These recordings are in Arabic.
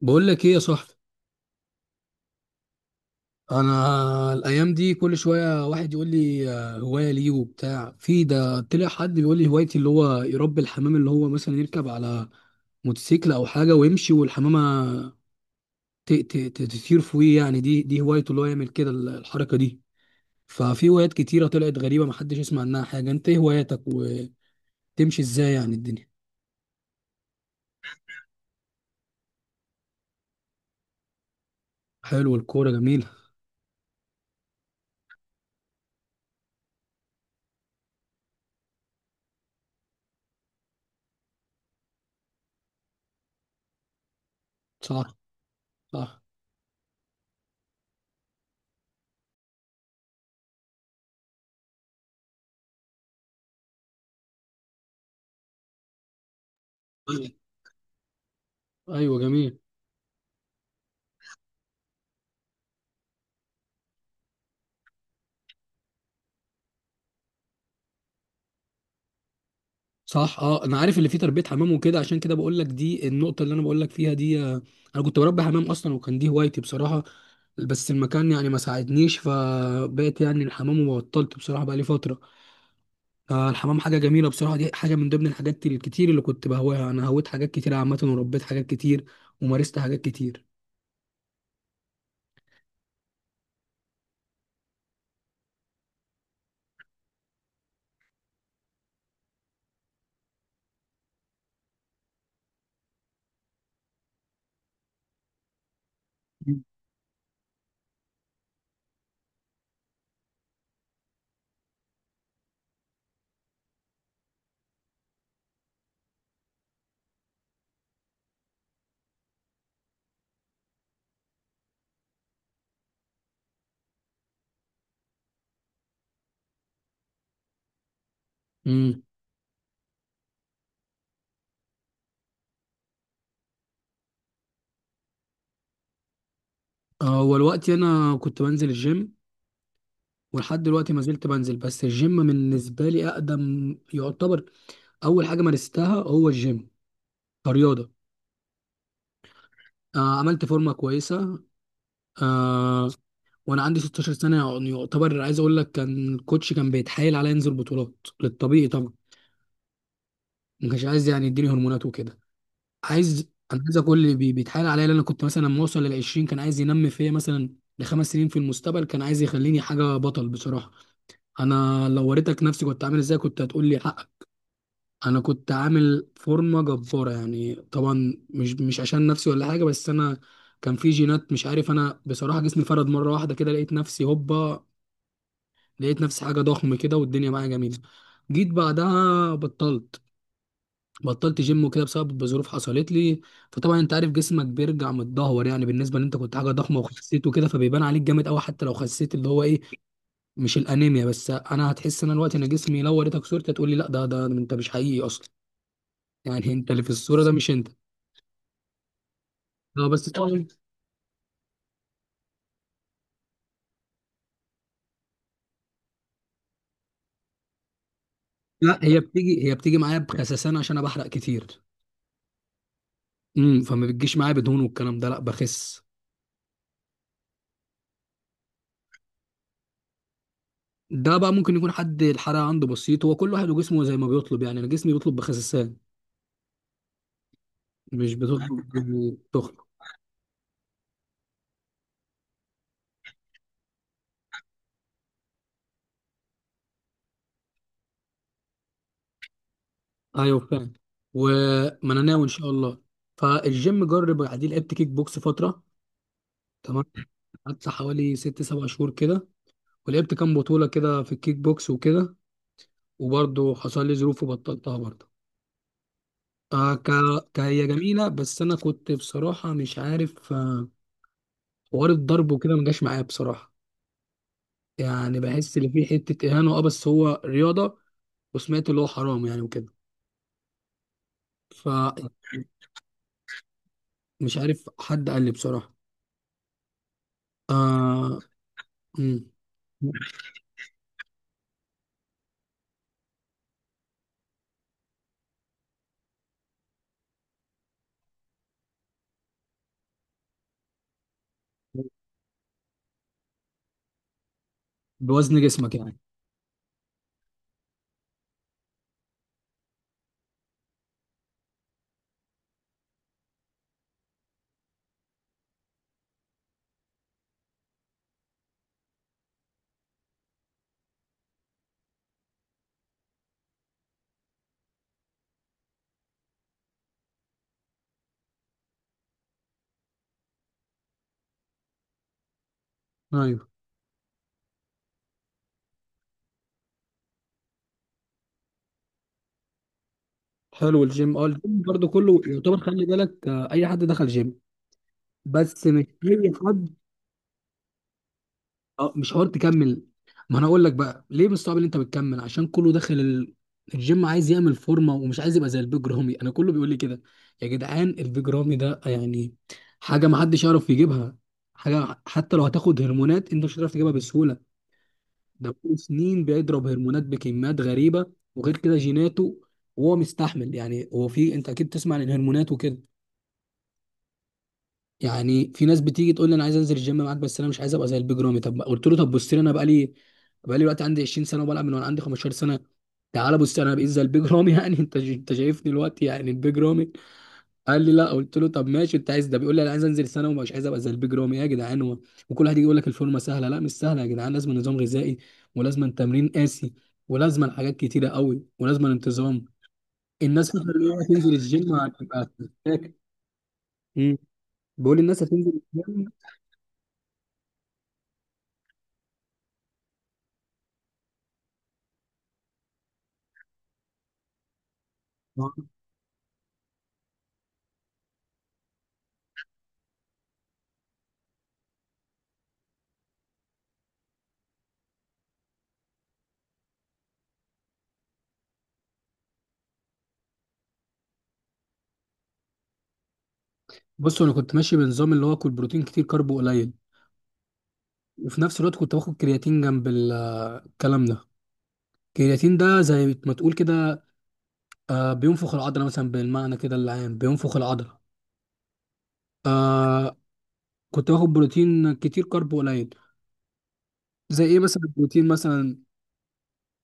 بقول لك ايه يا صاحبي. انا الايام دي كل شويه واحد يقول لي هوايه ليه وبتاع. في ده طلع حد بيقول لي هوايتي اللي هو يربي الحمام، اللي هو مثلا يركب على موتوسيكل او حاجه ويمشي والحمامه تطير فوقيه، يعني دي هوايته، اللي هو يعمل كده الحركه دي. ففي هوايات كتيره طلعت غريبه محدش يسمع عنها حاجه. انت ايه هواياتك وتمشي ازاي يعني الدنيا؟ حلو، الكوره جميله. صح. صح. ايوه جميل. صح، اه انا عارف اللي فيه تربيه حمام وكده، عشان كده بقول لك دي النقطه اللي انا بقول لك فيها دي. انا كنت بربي حمام اصلا وكان دي هوايتي بصراحه، بس المكان يعني ما ساعدنيش، فبقيت يعني الحمام وبطلت بصراحه بقى لي فتره. فالحمام حاجه جميله بصراحه، دي حاجه من ضمن الحاجات الكتير اللي كنت بهواها. انا هويت حاجات كتير عامه وربيت حاجات كتير ومارست حاجات كتير. امم هو الوقت انا كنت بنزل الجيم ولحد دلوقتي ما زلت بنزل، بس الجيم بالنسبه لي اقدم يعتبر اول حاجه مارستها، هو الجيم كرياضة. آه عملت فورمة كويسة. آه وأنا عندي 16 سنة، يعني يعتبر عايز أقول لك كان الكوتش كان بيتحايل عليا أنزل بطولات للطبيعي طبعا. ما كانش عايز يعني يديني هرمونات وكده. عايز، أنا عايز أقول اللي بيتحايل عليا، لأن أنا كنت مثلا لما أوصل لل 20 كان عايز ينمي فيا مثلا لخمس سنين في المستقبل، كان عايز يخليني حاجة بطل بصراحة. أنا لو وريتك نفسي كنت عامل إزاي كنت هتقول لي. انا كنت عامل فورمه جباره، يعني طبعا مش عشان نفسي ولا حاجه، بس انا كان في جينات مش عارف. انا بصراحه جسمي فرد مره واحده كده، لقيت نفسي هوبا، لقيت نفسي حاجه ضخم كده والدنيا معايا جميله. جيت بعدها بطلت، جيم وكده بسبب ظروف حصلت لي. فطبعا انت عارف جسمك بيرجع متدهور يعني، بالنسبه ان انت كنت حاجه ضخمه وخسيت وكده فبيبان عليك جامد قوي حتى لو خسيت، اللي هو ايه مش الانيميا، بس انا هتحس ان أنا دلوقتي انا جسمي لو وريتك صورتي هتقول لي لا، ده ده انت مش حقيقي اصلا، يعني انت اللي في الصوره ده مش انت. اه بس لا، هي بتيجي، هي بتيجي معايا بخسسان عشان انا بحرق كتير. فما بتجيش معايا بدهون والكلام ده، لا بخس. ده بقى ممكن يكون حد الحرق عنده بسيط، هو كل واحد وجسمه زي ما بيطلب، يعني انا جسمي بيطلب بخسسان مش بتطلب تخن. ايوه فاهم. وما انا ناوي ان شاء الله. فالجيم جرب عادي، لعبت كيك بوكس فتره. تمام. قعدت حوالي ست سبع شهور كده، ولعبت كام بطوله كده في الكيك بوكس وكده، وبرضه حصل لي ظروف وبطلتها برضه. آه ك... كهي جميلة، بس أنا كنت بصراحة مش عارف، حوار الضرب وكده ما جاش معايا بصراحة، يعني بحس إن في حتة إهانة. أه بس هو رياضة، وسمعت اللي هو حرام يعني وكده، فمش عارف. حد قال لي بصراحة. آه... مم. بوزن جسمك يعني؟ أيوه. حلو، الجيم أه الجيم برضه كله يعتبر، خلي بالك، أي حد دخل جيم، بس مش أي حد. اه مش حوار تكمل. ما انا اقول لك بقى ليه من صعب ان انت بتكمل: عشان كله داخل الجيم عايز يعمل فورمه ومش عايز يبقى زي البيج رامي، انا كله بيقول لي كده. يا جدعان البيج رامي ده يعني حاجه ما حدش يعرف يجيبها، حاجه حتى لو هتاخد هرمونات انت مش هتعرف تجيبها بسهوله. ده بقاله سنين بيضرب هرمونات بكميات غريبه، وغير كده جيناته وهو مستحمل يعني. هو في، انت اكيد تسمع عن الهرمونات وكده. يعني في ناس بتيجي تقول لي انا عايز انزل الجيم معاك بس انا مش عايز ابقى زي البيج رامي. طب قلت له طب بص لي انا بقالي دلوقتي عندي 20 سنه وبلعب من وانا عندي 15 سنه، تعالى بص انا بقيت زي البيج رامي يعني؟ انت شايفني دلوقتي يعني البيج رامي؟ قال لي لا. قلت له طب ماشي انت عايز، ده بيقول لي انا عايز انزل سنه ومش عايز ابقى زي البيج رامي. إيه يا جدعان وكل واحد يجي يقول لك الفورمه سهله. لا مش سهله يا جدعان، لازم نظام غذائي ولازم تمرين قاسي، ولازم حاجات كتيره قوي ولازم انتظام. الناس فاكره ان هي تنزل الجيم هتبقى، بيقول الناس هتنزل الجيم. بص انا كنت ماشي بنظام اللي هو كل بروتين كتير كارب قليل، وفي نفس الوقت كنت باخد كرياتين جنب الكلام ده. الكرياتين ده زي ما تقول كده، بينفخ العضله مثلا بالمعنى كده العام، بينفخ العضله. آه كنت باخد بروتين كتير كارب قليل. زي ايه مثلا البروتين مثلا؟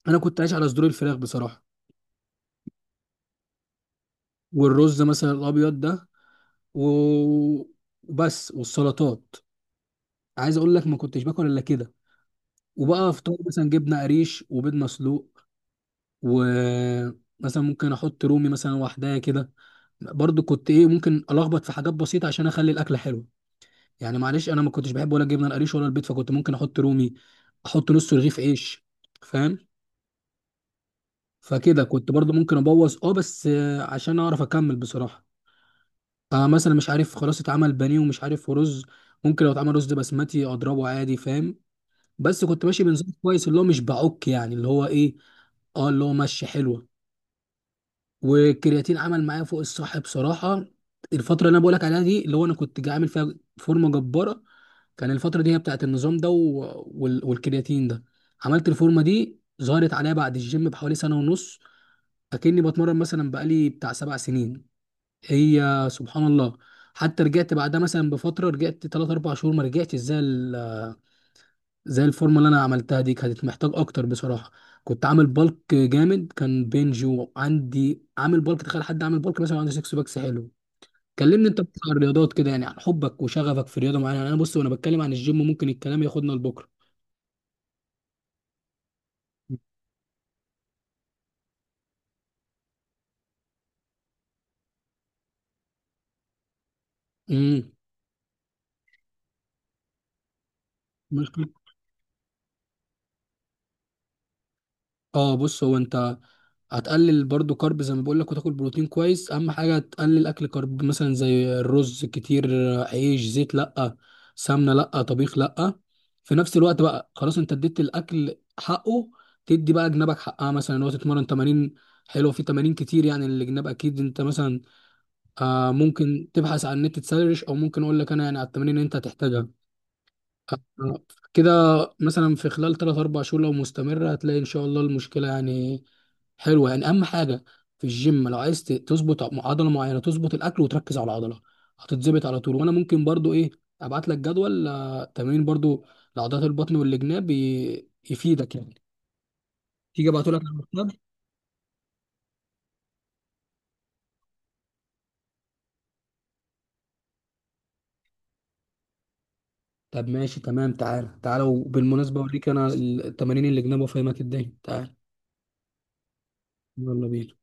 انا كنت عايش على صدور الفراخ بصراحه، والرز مثلا الابيض ده و- وبس، والسلطات. عايز اقول لك ما كنتش باكل الا كده. وبقى فطار مثلا جبنه قريش وبيض مسلوق، ومثلا ممكن احط رومي مثلا لوحدها كده، برضو كنت ايه ممكن الخبط في حاجات بسيطه عشان اخلي الاكله حلوه. يعني معلش انا ما كنتش بحب ولا الجبنه القريش ولا البيض، فكنت ممكن احط رومي، احط نص رغيف عيش، فاهم؟ فكده كنت برضو ممكن ابوظ اه، بس عشان اعرف اكمل بصراحه. فمثلا مش عارف خلاص اتعمل بانيه ومش عارف رز، ممكن لو اتعمل رز بسمتي اضربه عادي، فاهم؟ بس كنت ماشي بنظام كويس، اللي هو مش بعك يعني، اللي هو ايه، اه اللي هو ماشي حلوه. والكرياتين عمل معايا فوق الصح بصراحه، الفتره اللي انا بقولك عليها دي اللي هو انا كنت عامل فيها فورمه جباره، كان الفتره دي هي بتاعت النظام ده والكرياتين ده. عملت الفورمه دي، ظهرت عليا بعد الجيم بحوالي سنه ونص، اكني بتمرن مثلا بقالي بتاع سبع سنين. هي، سبحان الله. حتى رجعت بعدها مثلا بفتره، رجعت 3 4 شهور، ما رجعتش زي الفورمه اللي انا عملتها دي، كانت محتاج اكتر بصراحه. كنت عامل بالك جامد كان بنج، وعندي عامل بالك تخيل حد عامل بالك مثلا عنده سكس باكس حلو. كلمني انت بتاع الرياضات كده، يعني عن حبك وشغفك في رياضه معينه، يعني انا بص وانا بتكلم عن الجيم ممكن الكلام ياخدنا لبكره. امم اه بص، هو انت هتقلل برضو كارب زي ما بقول لك، وتاكل بروتين كويس. اهم حاجه تقلل اكل كارب مثلا زي الرز كتير، عيش، زيت لا، سمنه لا، طبيخ لا. في نفس الوقت بقى خلاص انت اديت الاكل حقه، تدي بقى جنابك حقها مثلا ان هو تتمرن تمارين حلوه. في تمارين كتير يعني الجناب اكيد، انت مثلا آه ممكن تبحث عن النت تسرش، او ممكن اقول لك انا يعني على التمارين اللي انت هتحتاجها آه، كده. مثلا في خلال 3 4 شهور لو مستمرة هتلاقي ان شاء الله المشكلة يعني حلوة. يعني اهم حاجة في الجيم لو عايز تظبط عضلة معينة، تظبط الاكل وتركز على العضلة هتتظبط على طول. وانا ممكن برضو ايه ابعت لك جدول تمرين برضو لعضلات البطن والجناب، يفيدك يعني. تيجي ابعته لك على الواتساب. طب ماشي تمام، تعالى. وبالمناسبة اوريك انا التمارين الجناب وافهمك الدنيا، تعالى. يلا بينا.